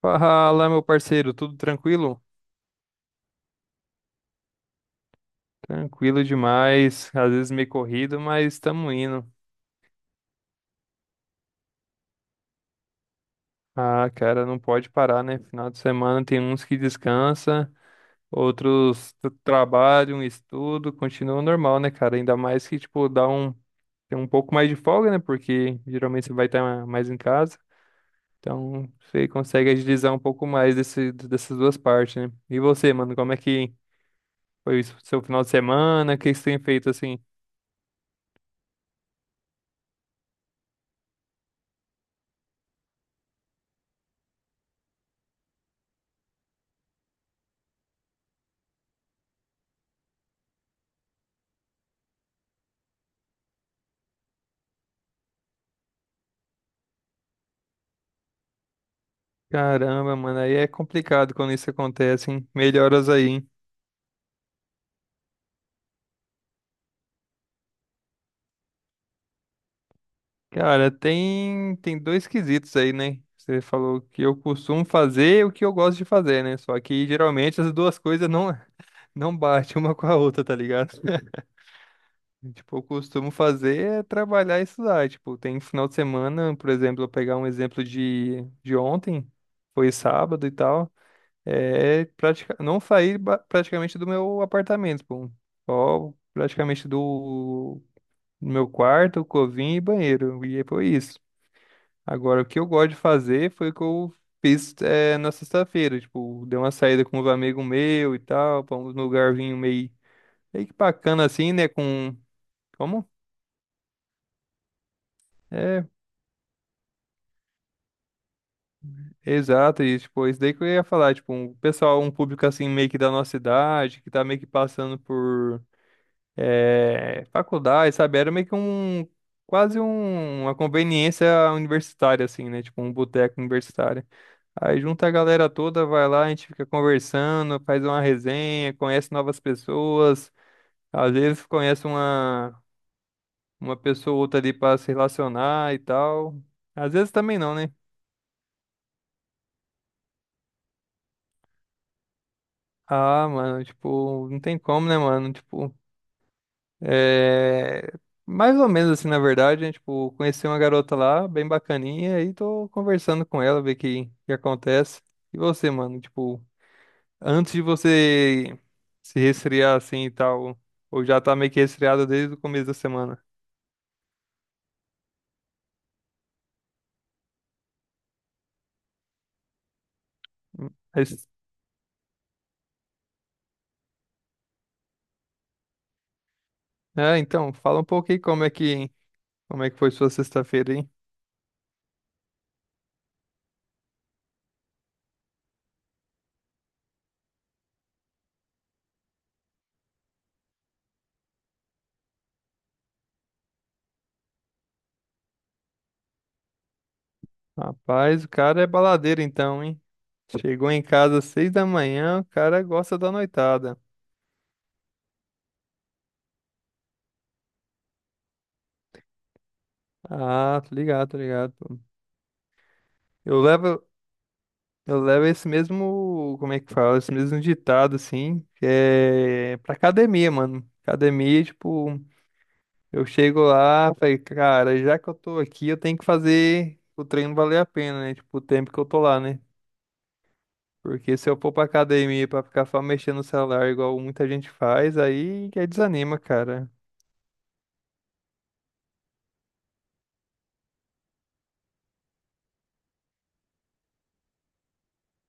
Fala, meu parceiro, tudo tranquilo? Tranquilo demais, às vezes meio corrido, mas estamos indo. Ah, cara, não pode parar, né? Final de semana tem uns que descansa, outros trabalham, estudam, continua normal, né, cara? Ainda mais que, tipo, tem um pouco mais de folga, né? Porque geralmente você vai estar mais em casa, então você consegue agilizar um pouco mais dessas duas partes, né? E você, mano, como é que foi o seu final de semana? O que você tem feito assim? Caramba, mano, aí é complicado quando isso acontece, hein? Melhoras aí, hein? Cara, tem dois quesitos aí, né? Você falou que eu costumo fazer e o que eu gosto de fazer, né? Só que geralmente as duas coisas não, não batem uma com a outra, tá ligado? Tipo, eu costumo fazer é trabalhar e estudar. Tipo, tem final de semana, por exemplo, eu pegar um exemplo de ontem, foi sábado e tal. Não saí praticamente do meu apartamento, pô. Só praticamente do meu quarto, cozinha e banheiro. E aí foi isso. Agora, o que eu gosto de fazer foi o que eu fiz é, na sexta-feira. Tipo, dei uma saída com os amigos meus e tal, pra um meio que bacana assim, né? Com. Como? É, exato, e tipo, isso daí que eu ia falar, tipo, um pessoal, um público assim, meio que da nossa idade, que tá meio que passando por faculdade, sabe? Era quase uma conveniência universitária, assim, né? Tipo um boteco universitário. Aí junta a galera toda, vai lá, a gente fica conversando, faz uma resenha, conhece novas pessoas, às vezes uma pessoa ou outra ali pra se relacionar e tal. Às vezes também não, né? Ah, mano, tipo, não tem como, né, mano? Tipo, é, mais ou menos assim, na verdade, né? Tipo, conheci uma garota lá, bem bacaninha, e tô conversando com ela, ver que acontece. E você, mano, tipo, antes de você se resfriar assim e tal, ou já tá meio que resfriado desde o começo da semana. Mas, é, então, fala um pouco aí como é que foi sua sexta-feira, hein? Rapaz, o cara é baladeiro então, hein? Chegou em casa às seis da manhã, o cara gosta da noitada. Ah, tô ligado, tô ligado, pô. Eu levo. Eu levo esse mesmo, como é que fala, esse mesmo ditado, assim, é pra academia, mano. Academia, tipo, eu chego lá, falei, cara, já que eu tô aqui, eu tenho que fazer o treino valer a pena, né? Tipo, o tempo que eu tô lá, né? Porque se eu for pra academia pra ficar só mexendo no celular, igual muita gente faz, aí que aí desanima, cara.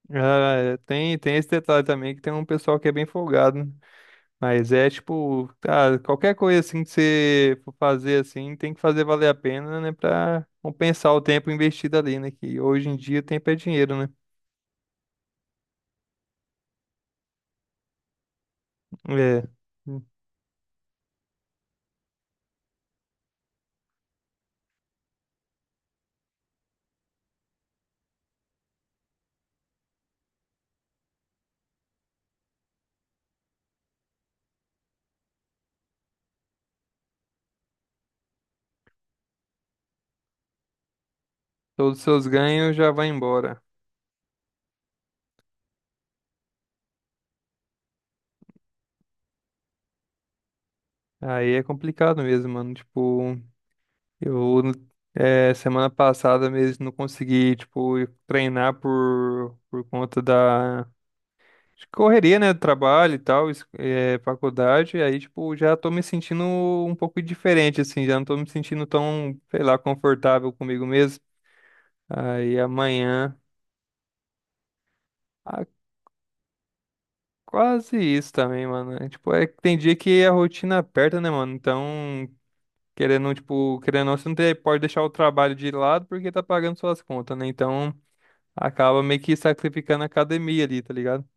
Ah, tem esse detalhe também, que tem um pessoal que é bem folgado. Mas é tipo, cara, qualquer coisa assim que você for fazer assim, tem que fazer valer a pena, né? Pra compensar o tempo investido ali, né? Que hoje em dia tempo é dinheiro, né? É. Hum. Todos os seus ganhos já vão embora. Aí é complicado mesmo, mano. Tipo, eu é, semana passada mesmo não consegui, tipo, treinar por conta da de Correria, né? Trabalho e tal, é, faculdade, aí, tipo, já tô me sentindo um pouco diferente, assim, já não tô me sentindo tão, sei lá, confortável comigo mesmo. Aí amanhã, ah, quase isso também, mano. É, tipo, é que tem dia que a rotina aperta, né, mano? Então, querendo ou não, você não pode deixar o trabalho de lado porque tá pagando suas contas, né? Então, acaba meio que sacrificando a academia ali, tá ligado?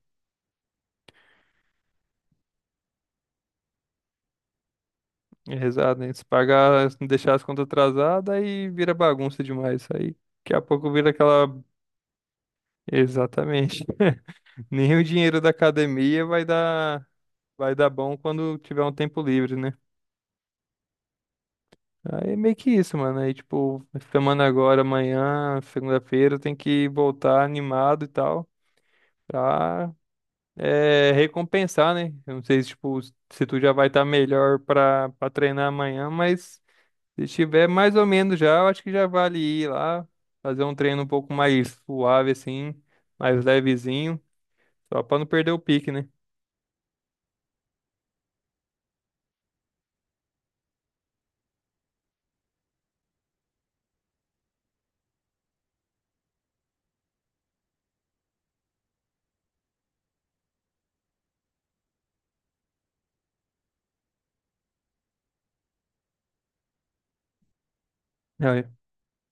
É, exato, né? Se pagar, se não deixar as contas atrasadas, aí vira bagunça demais. Aí daqui a pouco vira aquela. Exatamente. Nem o dinheiro da academia vai dar bom quando tiver um tempo livre, né? Aí é meio que isso, mano. Aí, tipo, semana agora, amanhã, segunda-feira, tem que voltar animado e tal, pra é, recompensar, né? Eu não sei se, tipo, se tu já vai estar melhor pra treinar amanhã, mas. Se tiver mais ou menos já, eu acho que já vale ir lá, fazer um treino um pouco mais suave, assim, mais levezinho, só pra não perder o pique, né? Eu,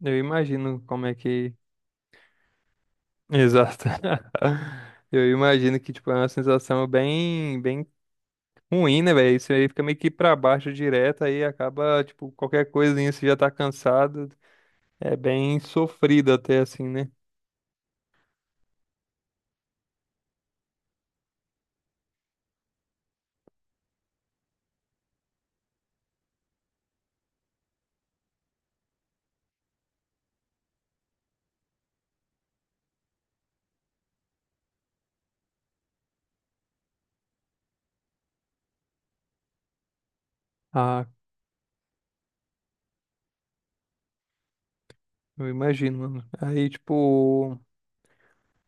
eu imagino como é que. Exato. Eu imagino que, tipo, é uma sensação bem ruim, né, velho? Isso aí fica meio que pra baixo direto, aí acaba, tipo, qualquer coisinha, você já tá cansado. É bem sofrido até, assim, né? Ah, eu imagino, mano. Aí, tipo.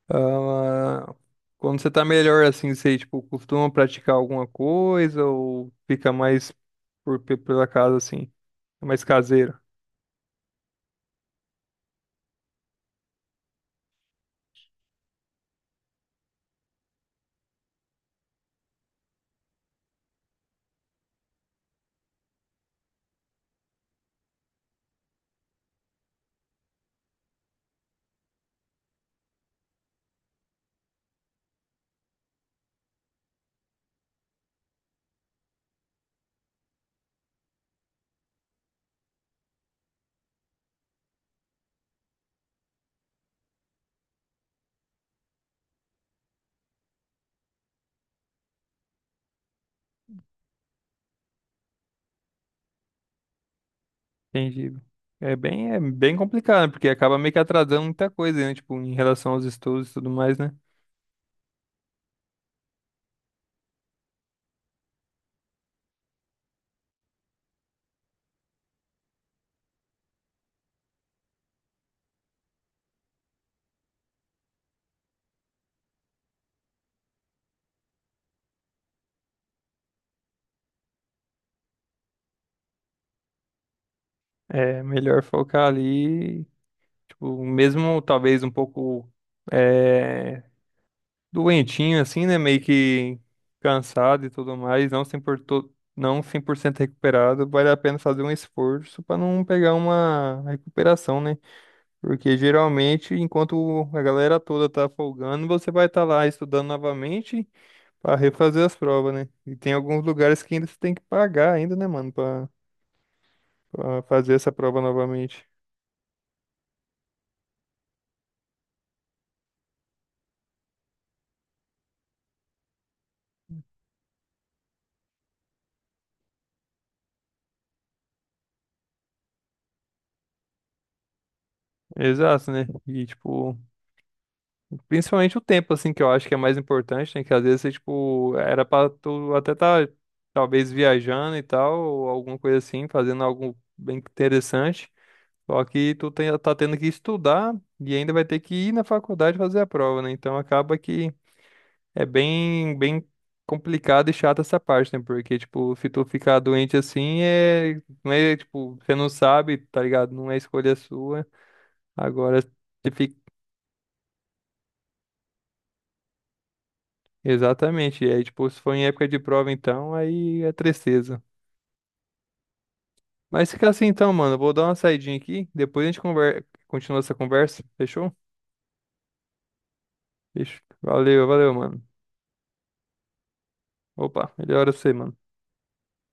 Ah, quando você tá melhor assim, você tipo costuma praticar alguma coisa ou fica mais pela casa assim, é mais caseiro? Entendi. É bem complicado, né? Porque acaba meio que atrasando muita coisa, né? Tipo, em relação aos estudos e tudo mais, né? É melhor focar ali, tipo, mesmo talvez um pouco eh, doentinho, assim, né? Meio que cansado e tudo mais, não 100%, não 100% recuperado, vale a pena fazer um esforço para não pegar uma recuperação, né? Porque geralmente, enquanto a galera toda tá folgando, você vai estar lá estudando novamente para refazer as provas, né? E tem alguns lugares que ainda você tem que pagar ainda, né, mano, para fazer essa prova novamente. Exato, né? E tipo. Principalmente o tempo, assim, que eu acho que é mais importante, né? Que às vezes você, tipo, era pra tu até tá, talvez, viajando e tal, ou alguma coisa assim, fazendo algo bem interessante. Só que tá tendo que estudar e ainda vai ter que ir na faculdade fazer a prova, né? Então acaba que é bem complicado e chato essa parte, né? Porque, tipo, se tu ficar doente assim, não é, tipo, você não sabe, tá ligado? Não é escolha sua. Agora se Exatamente. E aí, tipo, se for em época de prova, então, aí é tristeza. Mas fica assim então, mano. Eu vou dar uma saidinha aqui. Depois a gente continua essa conversa. Fechou? Fechou. Valeu, valeu, mano. Opa, melhora você, mano.